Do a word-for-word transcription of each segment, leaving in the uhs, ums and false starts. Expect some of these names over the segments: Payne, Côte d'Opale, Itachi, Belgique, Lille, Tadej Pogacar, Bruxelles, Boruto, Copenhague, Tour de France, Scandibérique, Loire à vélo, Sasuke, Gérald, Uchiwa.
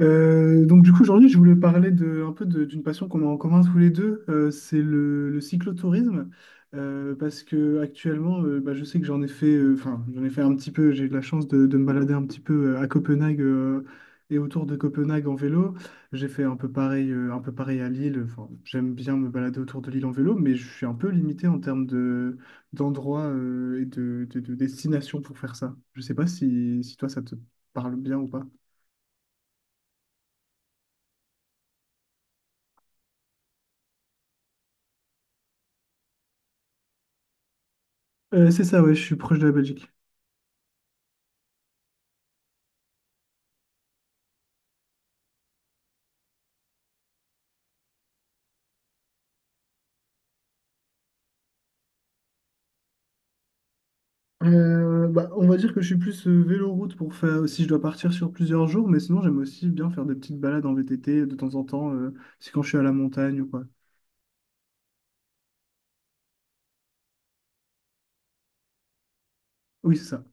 Euh, donc du coup aujourd'hui je voulais parler de, un peu de- d'une passion qu'on a en commun tous les deux, euh, c'est le, le cyclotourisme. Euh, parce que actuellement euh, bah, je sais que j'en ai fait, euh, enfin j'en ai fait un petit peu. J'ai eu la chance de, de me balader un petit peu euh, à Copenhague euh, et autour de Copenhague en vélo. J'ai fait un peu pareil, euh, un peu pareil à Lille. Enfin, j'aime bien me balader autour de Lille en vélo, mais je suis un peu limité en termes de d'endroits euh, et de, de, de destinations pour faire ça. Je sais pas si, si toi ça te parle bien ou pas. Euh, c'est ça, ouais, je suis proche de la Belgique. Euh, bah, on va dire que je suis plus euh, véloroute pour faire euh, si je dois partir sur plusieurs jours, mais sinon j'aime aussi bien faire des petites balades en V T T de temps en temps, euh, c'est quand je suis à la montagne ou quoi. Oui, c'est ça.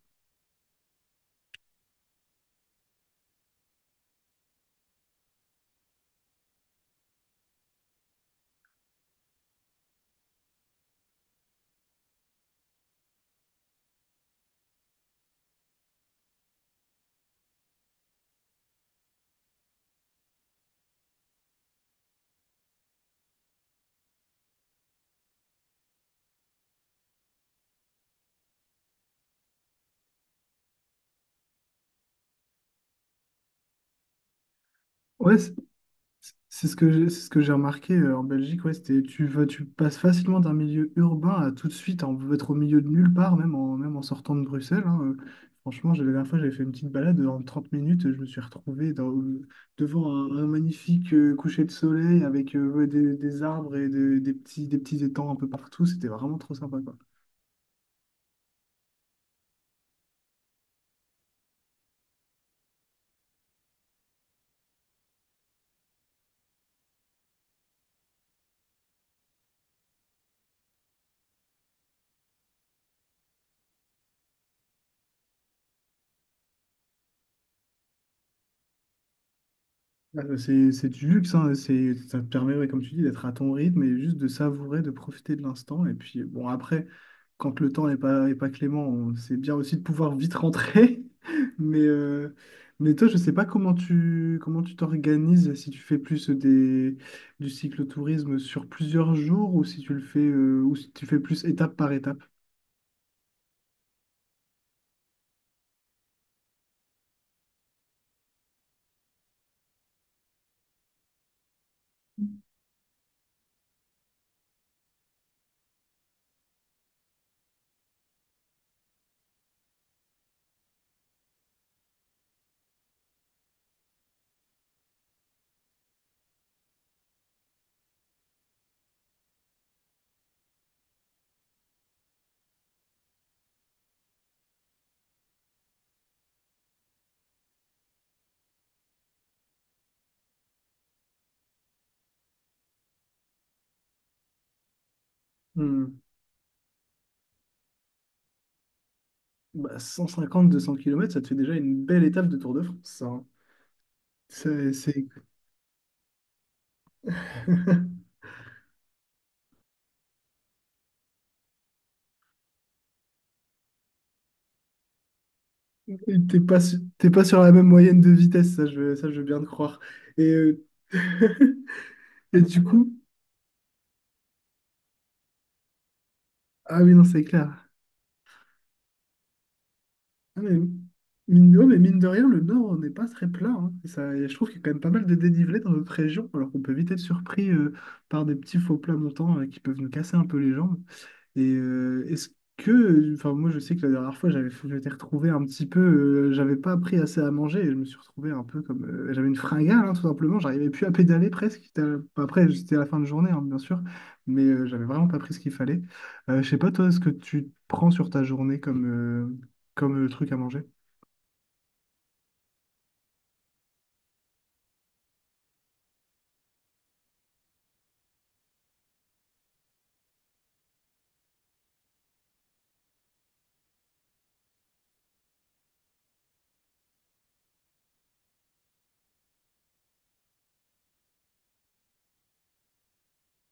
Ouais, c'est- C'est ce que j'ai, c'est ce que j'ai remarqué euh, en Belgique, ouais, c'était, tu vas, tu passes facilement d'un milieu urbain à tout de suite en, être au milieu de nulle part, même en, même en sortant de Bruxelles, hein, euh. franchement, j'ai- la dernière fois, j'avais fait une petite balade en trente minutes, je me suis retrouvé dans- euh, devant un, un magnifique euh, coucher de soleil avec euh, ouais, des, des arbres et des, des petits, des petits étangs un peu partout. C'était vraiment trop sympa, quoi. Ah, C'est c'est du luxe, hein, c'est, ça te permet, ouais, comme tu dis, d'être à ton rythme et juste de savourer, de profiter de l'instant. Et puis, bon, après, quand le temps n'est pas, est pas clément, on- c'est bien aussi de pouvoir vite rentrer. Mais, euh, mais toi, je sais pas comment tu, comment tu t'organises, si tu fais plus des, du cyclotourisme sur plusieurs jours ou si tu le fais, euh, ou si tu fais plus étape par étape. Hmm. Bah, deux cents kilomètres, ça te fait déjà une belle étape de Tour de France, ça, hein. C'est, c'est- T'es pas, su- t'es pas sur la même moyenne de vitesse, ça je, veux- ça, je veux bien te croire. Et, euh, et du coup, ah oui, non, c'est clair. Ah, mais, mine de, ouais, mais mine de rien, le Nord n'est pas très plat, hein. Et ça, et je trouve qu'il y a quand même pas mal de dénivelé dans notre région, alors qu'on peut vite être surpris euh, par des petits faux plats montants euh, qui peuvent nous casser un peu les jambes. Et euh, est-ce que, enfin moi je sais que la dernière fois j'avais j'étais retrouvé un petit peu, euh, j'avais pas appris assez à manger et je me suis retrouvé un peu comme, euh, j'avais une fringale hein, tout simplement, j'arrivais plus à pédaler presque. C'était à- Après c'était à la fin de journée hein, bien sûr, mais euh, j'avais vraiment pas pris ce qu'il fallait. Euh, je sais pas toi ce que tu prends sur ta journée comme euh, comme euh, truc à manger.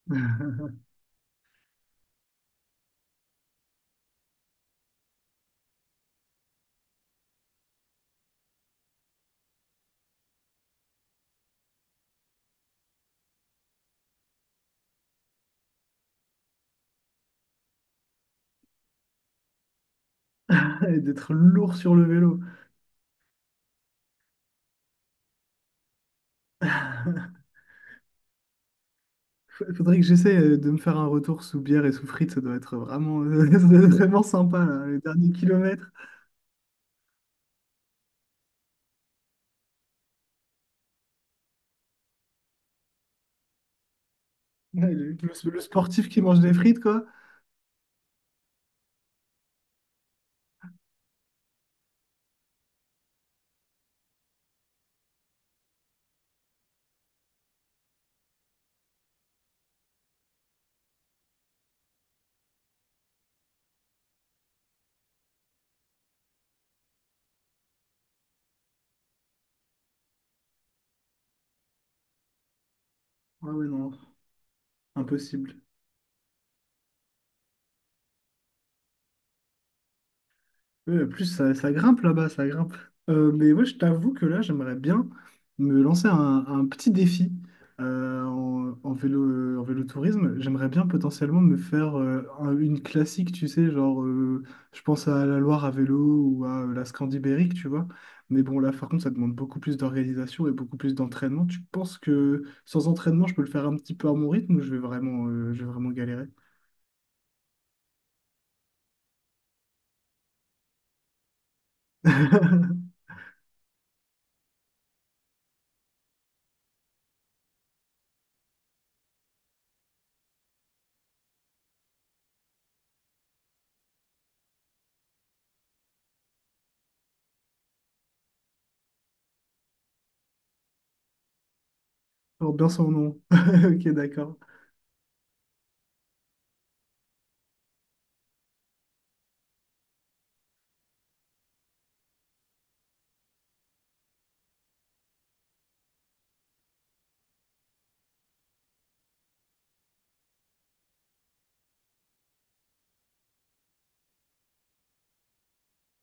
Et d'être lourd sur le vélo. F- Faudrait que j'essaie euh, de me faire un retour sous bière et sous frites, ça doit être vraiment, ça doit être vraiment sympa là, les derniers kilomètres. Ouais, Le, le- le sportif qui mange des frites, quoi. Ah ouais, non, impossible. Ouais, en plus, ça, ça grimpe là-bas, ça grimpe. Euh, mais ouais, je t'avoue que là, j'aimerais bien me lancer un, un petit défi euh, en, en vélo, en vélotourisme. J'aimerais bien potentiellement me faire euh, un- une classique, tu sais, genre, euh, je pense à la Loire à vélo ou à euh, la Scandibérique, tu vois. Mais bon, là, par contre, ça demande beaucoup plus d'organisation et beaucoup plus d'entraînement. Tu penses que sans entraînement, je peux le faire un petit peu à mon rythme ou je vais vraiment, euh, je vais vraiment galérer? Porte bien son nom. Ok, d'accord.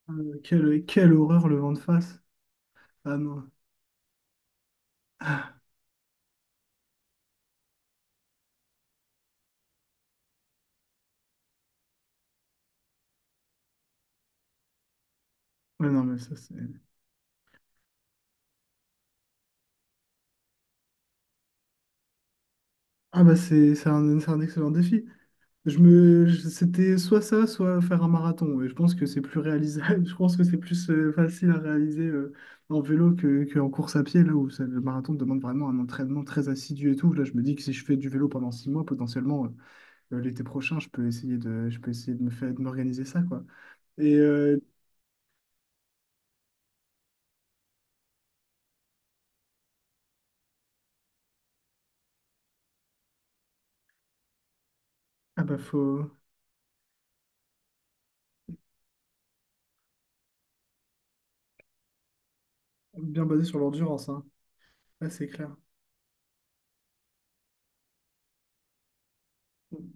Euh, quelle, quelle horreur le vent de face. Ah non. Ouais, non, mais ça, c'est. Ah bah, c'est c'est un, c'est un excellent défi. Je me... je- C'était soit ça, soit faire un marathon. Et je pense que c'est plus réalisable. Je pense que c'est plus euh, facile à réaliser euh, en vélo que, que en course à pied, là où ça- le marathon demande vraiment un entraînement très assidu et tout. Là, je me dis que si je fais du vélo pendant six mois, potentiellement, euh, euh, l'été prochain, je peux essayer de, je peux essayer de me faire, de m'organiser ça, quoi. Et, euh, ah bah faut... Bien basé sur l'endurance, hein. Là, c'est clair.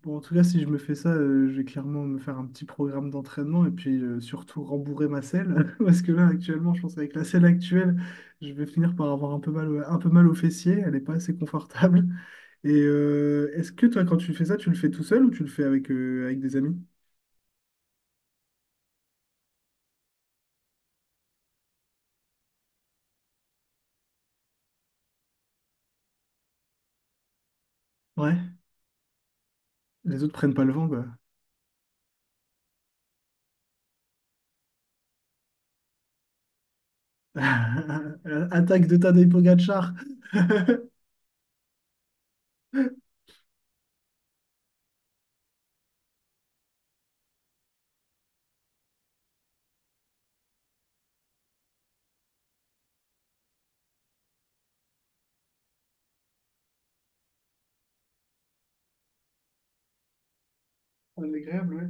Bon, en tout cas, si je me fais ça, euh, je vais clairement me faire un petit programme d'entraînement et puis euh, surtout rembourrer ma selle. Parce que là, actuellement, je pense qu'avec la selle actuelle, je vais finir par avoir un peu mal, au- un peu mal aux fessiers. Elle n'est pas assez confortable. Et euh, est-ce que toi, quand tu fais ça, tu le fais tout seul ou tu le fais avec, euh, avec des amis? Ouais, les autres prennent pas le vent, quoi. Attaque de Tadej Pogacar. Agréable, ouais.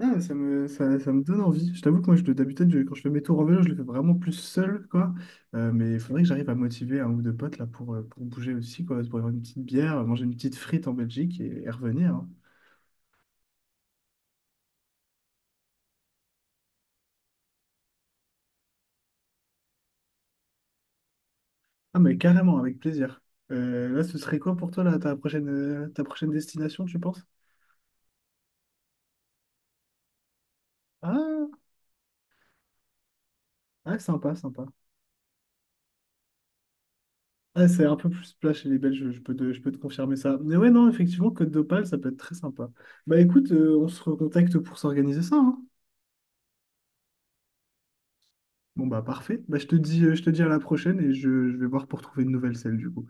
Ah, ça me, ça, ça me donne envie. Je t'avoue que moi, je, d'habitude, je- quand je fais mes tours en vélo, je le fais vraiment plus seul, quoi. Euh, mais il faudrait que j'arrive à motiver un ou deux potes là, pour, euh, pour bouger aussi, quoi. Pour avoir une petite bière, manger une petite frite en Belgique et, et revenir, hein. Ah, mais carrément, avec plaisir. Euh, là, ce serait quoi pour toi, là, ta prochaine, euh, ta prochaine destination, tu penses? Ah, ah, sympa, sympa. Ah, c'est un peu plus plat chez les Belges, je peux te, je peux te confirmer ça. Mais ouais, non, effectivement, Côte d'Opale, ça peut être très sympa. Bah écoute, euh, on se recontacte pour s'organiser ça, hein. Bon bah parfait. Bah, je te dis, euh, je te dis à la prochaine et je, je vais voir pour trouver une nouvelle selle du coup.